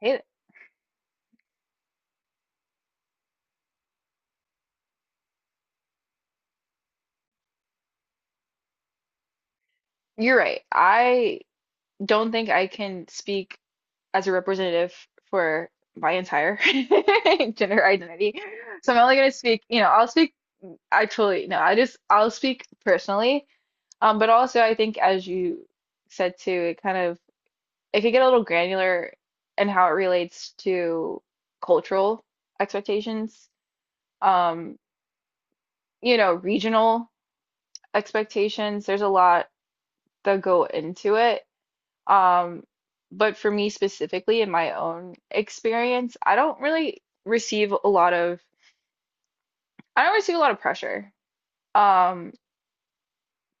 Hey, you're right. I don't think I can speak as a representative for my entire gender identity. So I'm only going to speak, I'll speak actually, no, I just, I'll speak personally. But also I think as you said too, it kind of, it could get a little granular in how it relates to cultural expectations, um, regional expectations. There's a lot that go into it. Um, but for me specifically, in my own experience, I don't receive a lot of pressure. Um,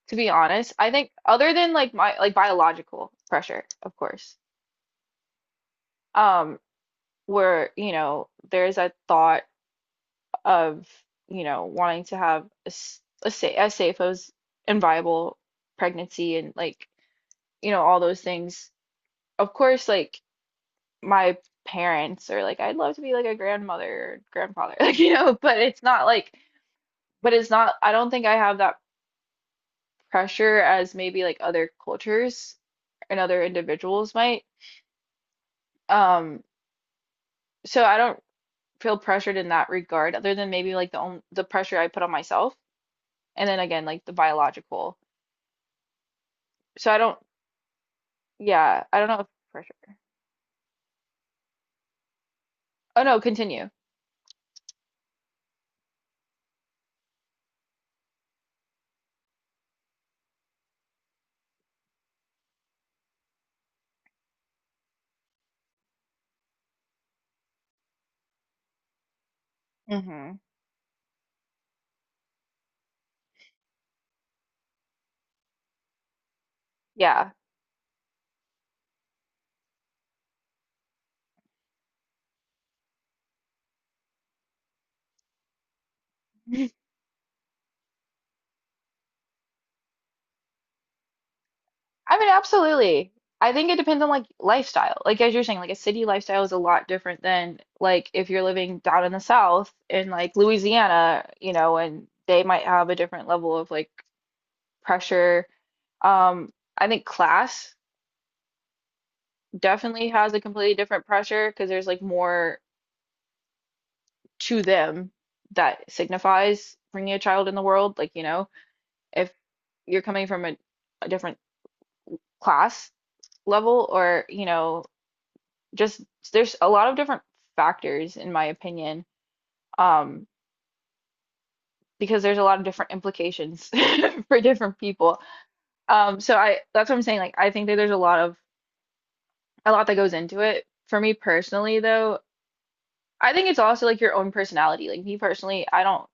to be honest, I think other than like my like biological pressure, of course. Um, where, you know, there's a thought of, you know, wanting to have a, s- a sa a safe as and viable pregnancy and like, you know, all those things. Of course, like my parents or like I'd love to be like a grandmother or grandfather, like you know, but it's not I don't think I have that pressure as maybe like other cultures and other individuals might. Um, so I don't feel pressured in that regard other than maybe like the pressure I put on myself and then again like the biological. So I don't yeah, I don't know if pressure. Oh no, continue. Hmm. Yeah. I mean, absolutely. I think it depends on like lifestyle. Like as you're saying, like a city lifestyle is a lot different than like if you're living down in the South in like Louisiana, you know, and they might have a different level of like pressure. Um, I think class definitely has a completely different pressure because there's like more to them that signifies bringing a child in the world. Like, you know, if you're coming from a different class level or, you know, just there's a lot of different factors in my opinion, um because there's a lot of different implications for different people. Um so I that's what I'm saying, like I think that there's a lot of, a lot that goes into it for me personally though. I think it's also like your own personality, like me personally I don't,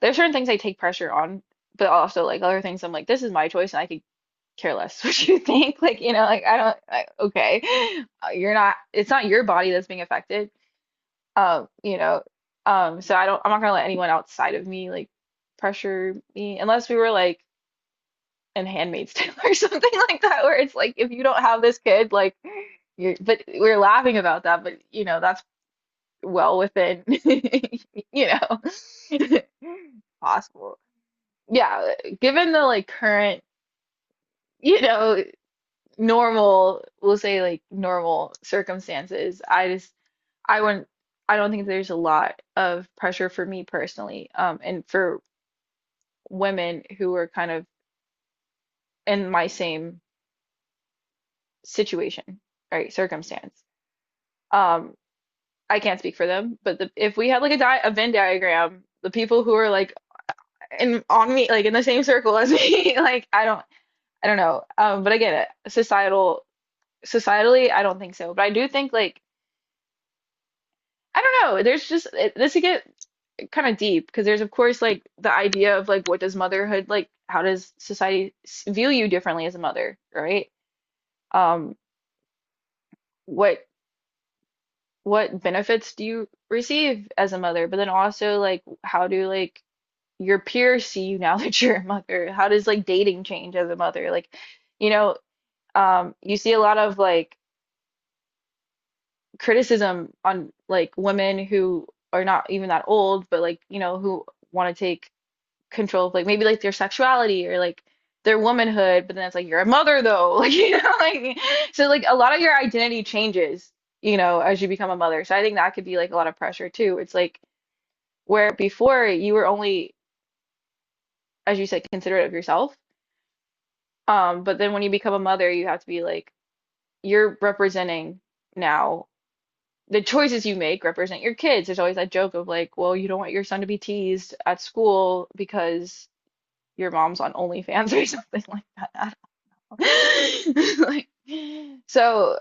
there's certain things I take pressure on, but also like other things I'm like this is my choice and I could care less what you think. Like you know, like I don't, like okay, you're not, it's not your body that's being affected. Um, you know, so I don't, I'm not gonna let anyone outside of me like pressure me unless we were like in Handmaid's Tale or something like that, where it's like if you don't have this kid, like you're, but we're laughing about that, but you know, that's well within, you know, possible. Yeah, given the like current, you know, normal, we'll say like normal circumstances, I just I wouldn't, I don't think there's a lot of pressure for me personally, and for women who are kind of in my same situation, right, circumstance. Um, I can't speak for them, but the, if we had like a Venn diagram, the people who are like in on me, like in the same circle as me, like I don't know. But again, societal, societally, I don't think so. But I do think like I don't know. There's just it, this again. Kind of deep because there's of course like the idea of like what does motherhood like how does society view you differently as a mother, right? Um, what what benefits do you receive as a mother? But then also like how do like your peers see you now that you're a mother? How does like dating change as a mother? Like, you know, you see a lot of like criticism on like women who are not even that old, but like, you know, who want to take control of like maybe like their sexuality or like their womanhood, but then it's like you're a mother though. Like you know, like so like a lot of your identity changes, you know, as you become a mother. So I think that could be like a lot of pressure too. It's like where before you were only, as you said, considerate of yourself. But then when you become a mother, you have to be like you're representing now, the choices you make represent your kids. There's always that joke of like, well, you don't want your son to be teased at school because your mom's on OnlyFans or something like that. I like, so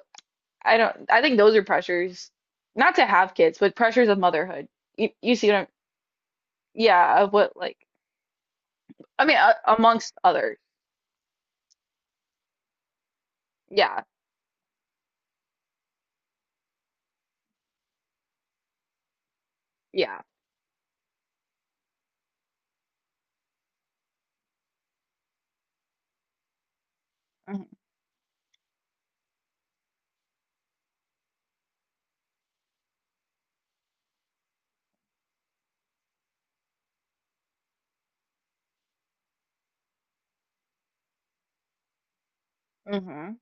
I don't, I think those are pressures, not to have kids, but pressures of motherhood. You see what I'm, yeah, of what, like, I mean, amongst others. Yeah, yeah. Mm-hmm. Hmm.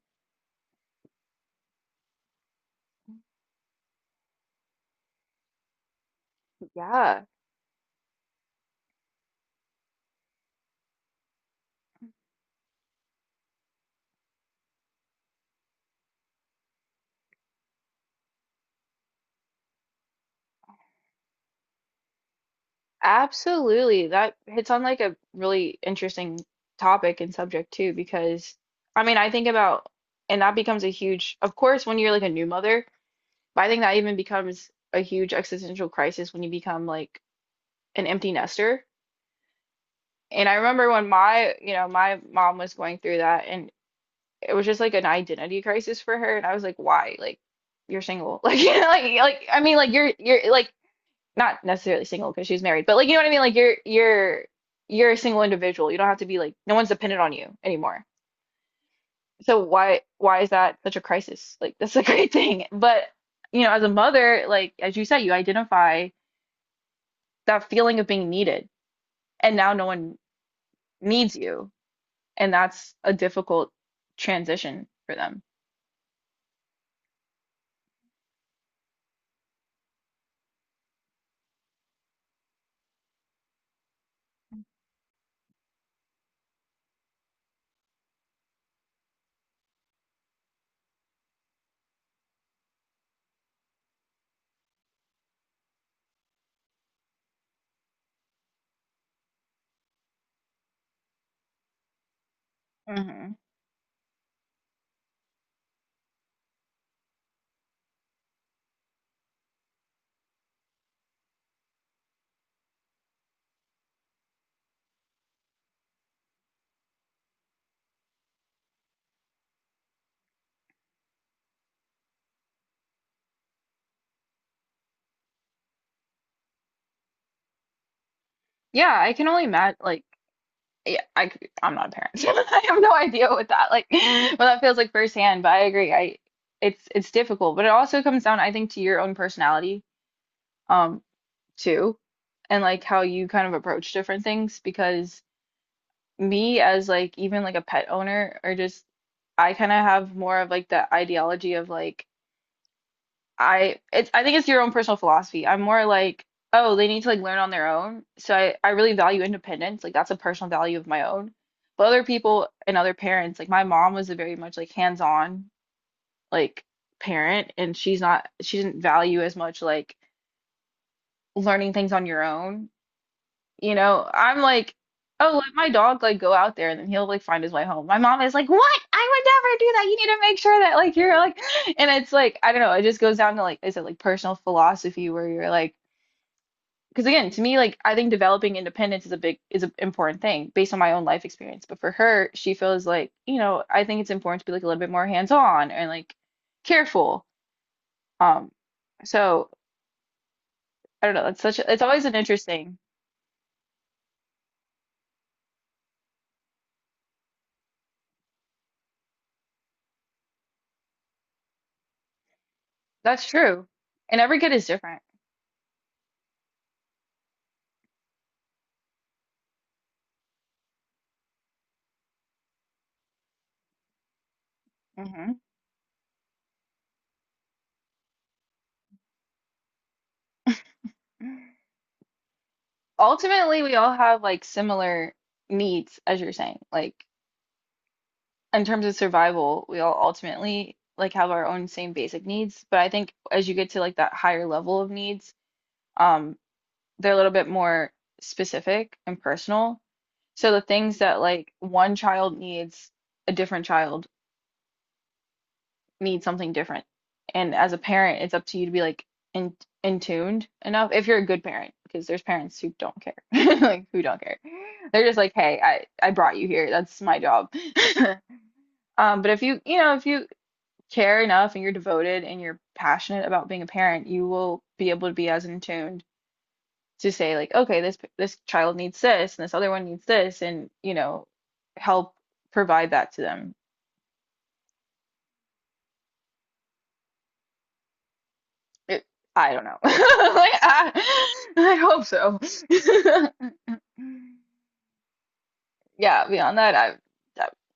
Yeah, absolutely. That hits on like a really interesting topic and subject too, because I mean, I think about, and that becomes a huge, of course, when you're like a new mother, but I think that even becomes a huge existential crisis when you become like an empty nester. And I remember when my, you know, my mom was going through that and it was just like an identity crisis for her and I was like, "Why? Like you're single." Like you know, like I mean like you're like not necessarily single because she's married, but like you know what I mean? Like you're you're a single individual. You don't have to be like no one's dependent on you anymore. So why is that such a crisis? Like that's a great thing. But you know, as a mother, like as you said, you identify that feeling of being needed and now no one needs you and that's a difficult transition for them. Hmm. Yeah, I can only imagine. Like, yeah, I'm not a parent. I have no idea what that like, what that feels like firsthand. But I agree. I it's difficult, but it also comes down, I think, to your own personality, um, too, and like how you kind of approach different things. Because me, as like even like a pet owner, or just I kind of have more of like the ideology of like. I it's I think it's your own personal philosophy. I'm more like, oh, they need to like learn on their own. So I really value independence. Like that's a personal value of my own. But other people and other parents, like my mom was a very much like hands-on like parent and she didn't value as much like learning things on your own. You know, I'm like, oh, let my dog like go out there and then he'll like find his way home. My mom is like, what? I would never do that. You need to make sure that like you're like, and it's like, I don't know, it just goes down to like, is it like personal philosophy where you're like, because again, to me, like I think developing independence is a big is an important thing based on my own life experience. But for her, she feels like, you know, I think it's important to be like a little bit more hands-on and like careful. Um, so I don't know, it's such a, it's always an interesting. That's true. And every kid is different. Hmm. Ultimately we all have like similar needs as you're saying like in terms of survival we all ultimately like have our own same basic needs but I think as you get to like that higher level of needs, um they're a little bit more specific and personal, so the things that like one child needs, a different child need something different. And as a parent, it's up to you to be like in in tuned enough if you're a good parent, because there's parents who don't care, like who don't care. They're just like, hey, I brought you here. That's my job. But if you you know if you care enough and you're devoted and you're passionate about being a parent, you will be able to be as in tuned to say like, okay, this child needs this and this other one needs this, and you know, help provide that to them. It, I don't know. Like I hope so. Yeah, beyond that,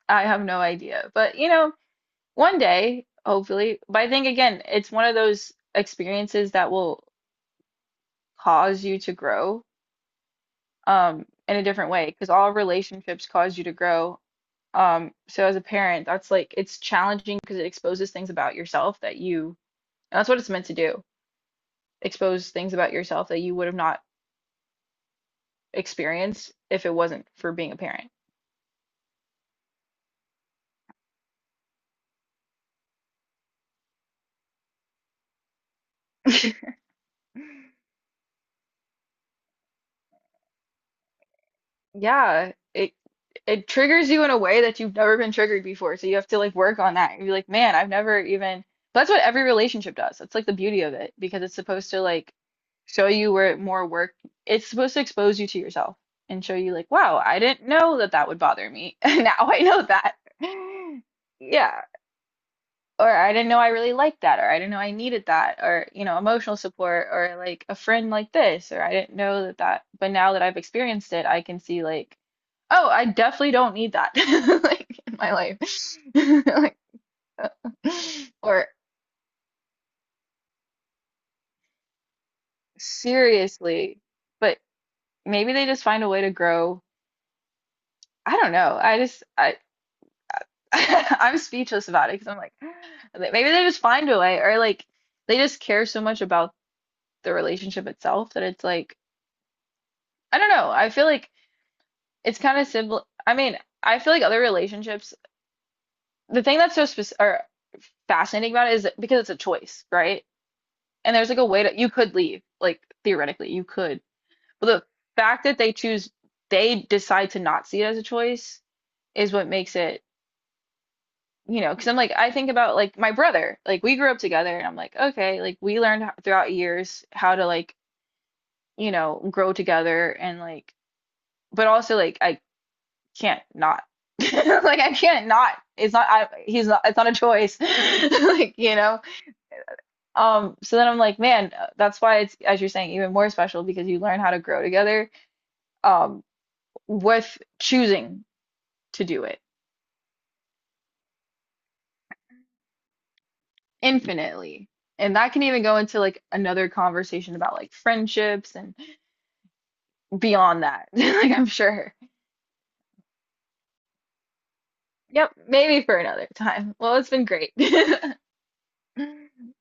I have no idea. But you know, one day, hopefully. But I think again, it's one of those experiences that will cause you to grow in a different way because all relationships cause you to grow. So as a parent, that's like it's challenging because it exposes things about yourself that you, and that's what it's meant to do, expose things about yourself that you would have not experienced if it wasn't for being a parent. Yeah, it triggers you in a way that you've never been triggered before. So you have to like work on that. And be like, man, I've never even. That's what every relationship does. That's like the beauty of it because it's supposed to like show you where more work. It's supposed to expose you to yourself and show you like, wow, I didn't know that that would bother me. And now I know that. Yeah. Or I didn't know I really liked that, or I didn't know I needed that, or you know, emotional support, or like a friend like this, or I didn't know that that. But now that I've experienced it, I can see like, oh, I definitely don't need that, like in my life, like, or seriously. But maybe they just find a way to grow. I don't know. I just I I'm speechless about it because I'm like, maybe they just find a way, or like they just care so much about the relationship itself that it's like. I don't know. I feel like it's kind of simple. I mean, I feel like other relationships, the thing that's so specific or fascinating about it is that- because it's a choice, right? And there's like a way to you could leave, like theoretically you could. But the fact that they choose, they decide to not see it as a choice is what makes it, you know, because I'm like, I think about like my brother, like we grew up together and I'm like, okay, like we learned throughout years how to like, you know, grow together and like, but also like I can't not. Like I can't not. It's not I he's not it's not a choice. Like, you know. So then I'm like, man, that's why it's as you're saying even more special because you learn how to grow together um with choosing to do it infinitely. And that can even go into like another conversation about like friendships and beyond that. Like I'm sure. Yep, maybe for another time. Well, it's been great.